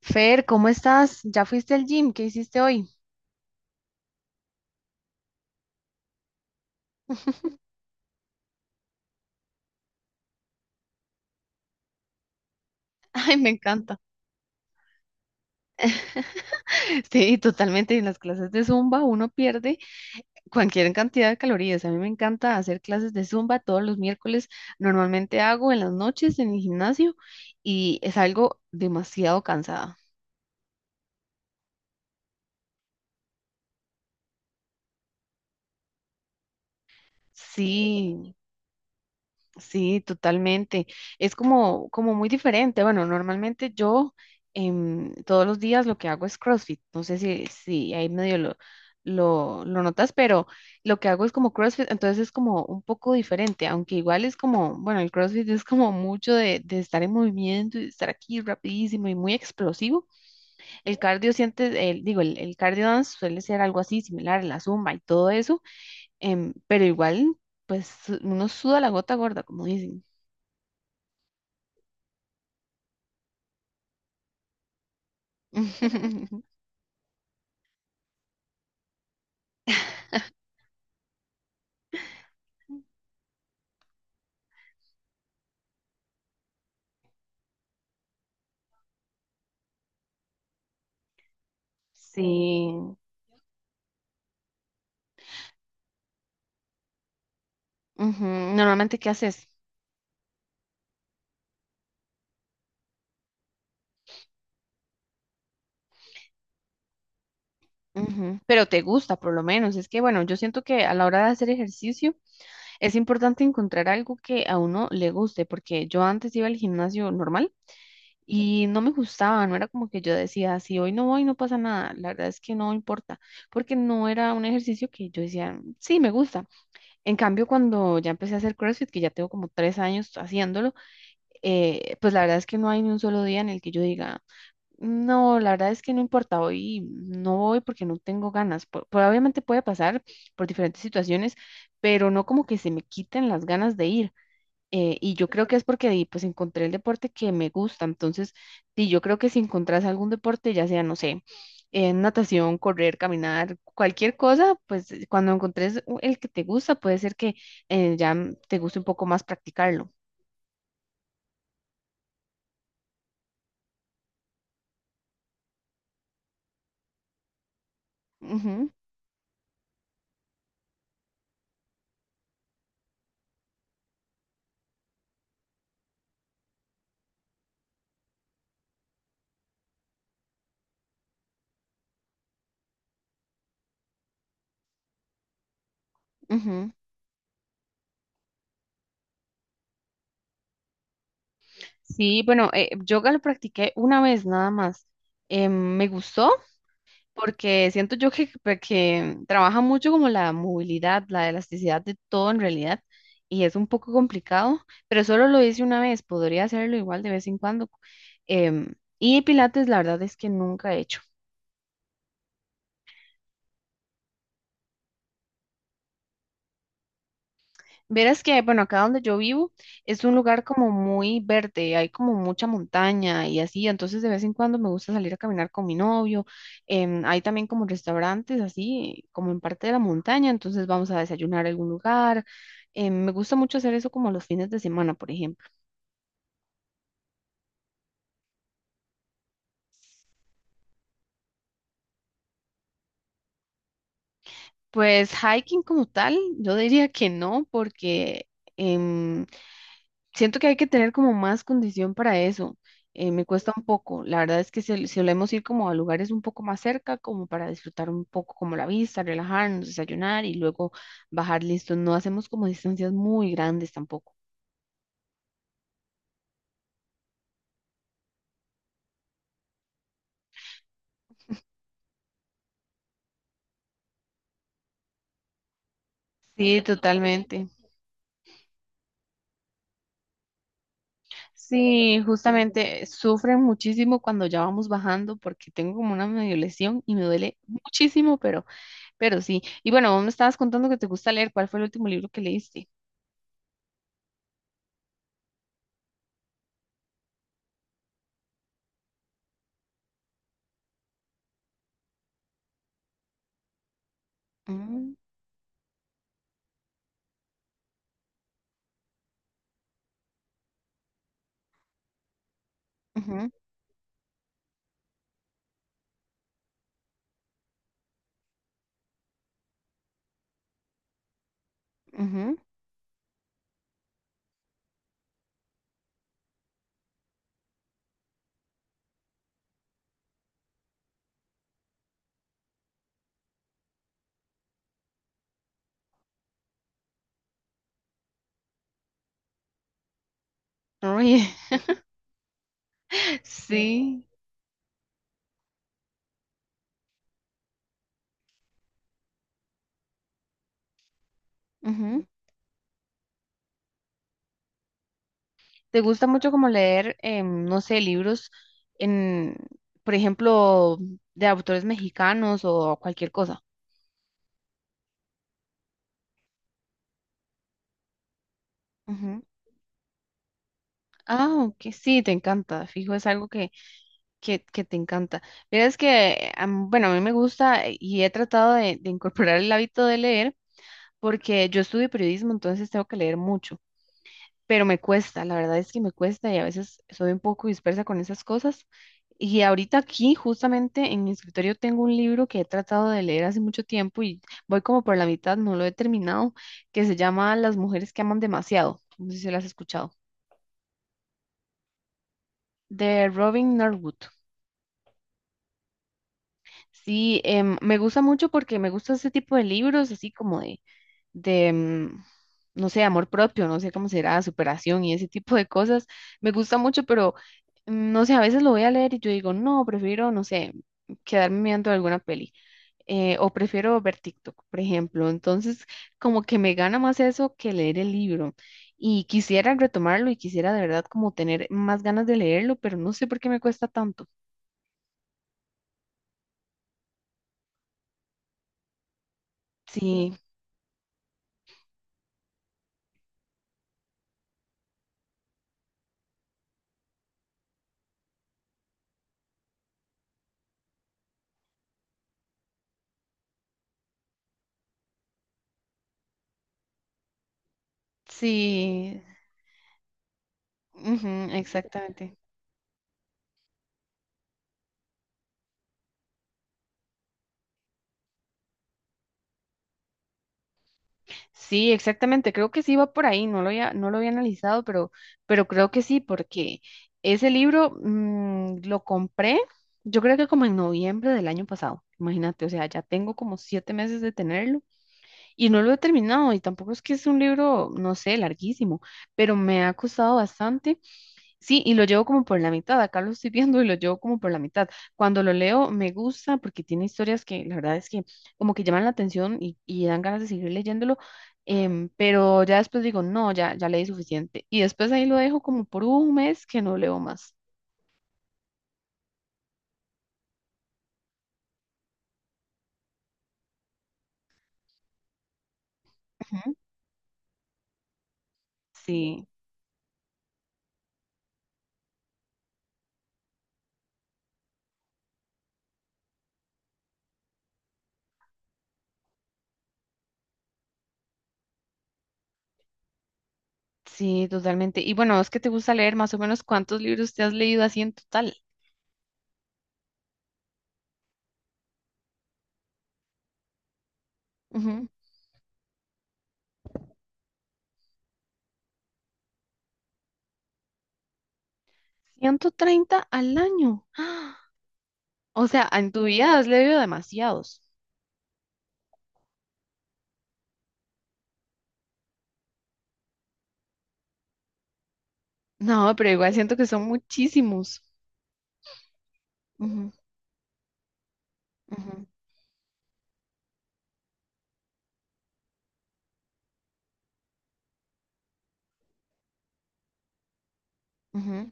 Fer, ¿cómo estás? ¿Ya fuiste al gym? ¿Qué hiciste hoy? Ay, me encanta. Sí, totalmente. En las clases de Zumba uno pierde cualquier cantidad de calorías. A mí me encanta hacer clases de Zumba todos los miércoles. Normalmente hago en las noches en el gimnasio y es algo demasiado cansada. Sí. Sí, totalmente. Es como muy diferente. Bueno, normalmente yo todos los días lo que hago es CrossFit. No sé si ahí medio lo notas, pero lo que hago es como CrossFit, entonces es como un poco diferente, aunque igual es como, bueno, el CrossFit es como mucho de estar en movimiento y de estar aquí rapidísimo y muy explosivo. El cardio siente, el, digo, el cardio dance suele ser algo así similar, la zumba y todo eso, pero igual, pues uno suda la gota gorda, como dicen. Ujú. Sí. Ujú, normalmente, ¿qué haces? Ujú. Pero te gusta, por lo menos. Es que, bueno, yo siento que a la hora de hacer ejercicio es importante encontrar algo que a uno le guste, porque yo antes iba al gimnasio normal y no me gustaba, no era como que yo decía, si hoy no voy, no pasa nada. La verdad es que no importa, porque no era un ejercicio que yo decía, sí, me gusta. En cambio, cuando ya empecé a hacer CrossFit, que ya tengo como 3 años haciéndolo, pues la verdad es que no hay ni un solo día en el que yo diga, no, la verdad es que no importa, hoy no voy porque no tengo ganas. Probablemente puede pasar por diferentes situaciones, pero no como que se me quiten las ganas de ir. Y yo creo que es porque pues encontré el deporte que me gusta. Entonces, sí, yo creo que si encontrás algún deporte, ya sea, no sé, natación, correr, caminar, cualquier cosa, pues cuando encontres el que te gusta, puede ser que ya te guste un poco más practicarlo. Ujú, ujú. Sí, bueno, yoga lo practiqué una vez nada más. Me gustó porque siento yo que trabaja mucho como la movilidad, la elasticidad de todo en realidad y es un poco complicado, pero solo lo hice una vez, podría hacerlo igual de vez en cuando. Y Pilates, la verdad es que nunca he hecho. Verás que, bueno, acá donde yo vivo es un lugar como muy verde, hay como mucha montaña y así, entonces de vez en cuando me gusta salir a caminar con mi novio, hay también como restaurantes así, como en parte de la montaña, entonces vamos a desayunar a algún lugar, me gusta mucho hacer eso como los fines de semana, por ejemplo. Pues hiking como tal, yo diría que no, porque em, siento que hay que tener como más condición para eso. Me cuesta un poco. La verdad es que si solemos ir como a lugares un poco más cerca, como para disfrutar un poco como la vista, relajarnos, desayunar y luego bajar listo. No hacemos como distancias muy grandes tampoco. Sí, totalmente. Sí, justamente sufren muchísimo cuando ya vamos bajando porque tengo como una medio lesión y me duele muchísimo, pero sí. Y bueno, vos me estabas contando que te gusta leer. ¿Cuál fue el último libro que leíste? Mm, ujú, ujú. Uy, sí. Ujú. ¿Te gusta mucho como leer, no sé, libros en, por ejemplo, de autores mexicanos o cualquier cosa? Ujú. Ah, ok, sí, te encanta, fijo, es algo que te encanta. Mira, es que, bueno, a mí me gusta y he tratado de incorporar el hábito de leer porque yo estudio periodismo, entonces tengo que leer mucho. Pero me cuesta, la verdad es que me cuesta y a veces soy un poco dispersa con esas cosas. Y ahorita aquí, justamente en mi escritorio, tengo un libro que he tratado de leer hace mucho tiempo y voy como por la mitad, no lo he terminado, que se llama Las mujeres que aman demasiado. No sé si lo has escuchado, de Robin Norwood. Sí, me gusta mucho porque me gusta ese tipo de libros, así como de, no sé, amor propio, no sé cómo será, superación y ese tipo de cosas. Me gusta mucho, pero no sé, a veces lo voy a leer y yo digo, no, prefiero, no sé, quedarme viendo alguna peli. O prefiero ver TikTok, por ejemplo. Entonces, como que me gana más eso que leer el libro. Y quisiera retomarlo y quisiera de verdad como tener más ganas de leerlo, pero no sé por qué me cuesta tanto. Sí, sí, ujú, exactamente. Sí, exactamente. Creo que sí va por ahí. No lo había analizado, pero, creo que sí, porque ese libro lo compré, yo creo que como en noviembre del año pasado. Imagínate, o sea, ya tengo como 7 meses de tenerlo y no lo he terminado. Y tampoco es que es un libro, no sé, larguísimo, pero me ha costado bastante. Sí, y lo llevo como por la mitad. Acá lo estoy viendo y lo llevo como por la mitad. Cuando lo leo me gusta porque tiene historias que la verdad es que como que llaman la atención y dan ganas de seguir leyéndolo, pero ya después digo, no, ya, ya leí suficiente. Y después ahí lo dejo como por un mes que no leo más. Ujú. Sí, sí, totalmente. Y bueno, es que te gusta leer, más o menos, ¿cuántos libros te has leído así en total? Ujú. 130 al año. ¡Ah! O sea, en tu vida has leído demasiados. No, pero igual siento que son muchísimos. Ujú, ujú, ujú.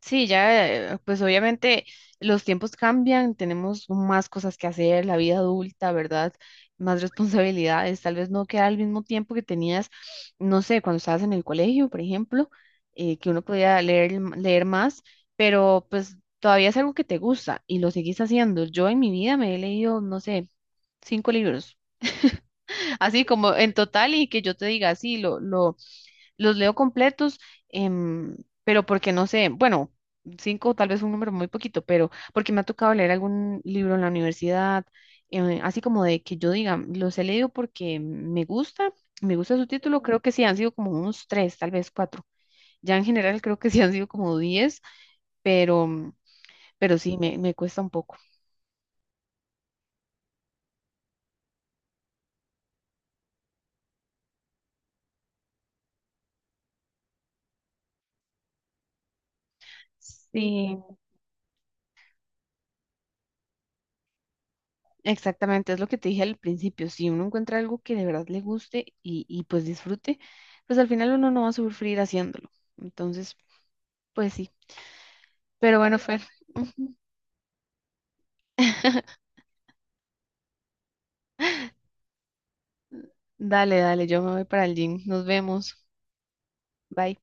Sí, ya, pues obviamente los tiempos cambian, tenemos más cosas que hacer, la vida adulta, ¿verdad? Más responsabilidades, tal vez no queda al mismo tiempo que tenías, no sé, cuando estabas en el colegio, por ejemplo, que uno podía leer, leer más, pero pues todavía es algo que te gusta y lo seguís haciendo. Yo en mi vida me he leído, no sé, cinco libros, así como en total y que yo te diga, sí, lo los leo completos, em, pero porque no sé, bueno, cinco tal vez un número muy poquito, pero porque me ha tocado leer algún libro en la universidad, así como de que yo diga, los he leído porque me gusta su título, creo que sí han sido como unos tres, tal vez cuatro. Ya en general creo que sí han sido como 10, pero, pero sí, me cuesta un poco. Sí, exactamente, es lo que te dije al principio, si uno encuentra algo que de verdad le guste y pues disfrute, pues al final uno no va a sufrir haciéndolo. Entonces, pues sí. Pero bueno, Fer, ujú. Dale, dale, yo me voy para el gym. Nos vemos. Bye.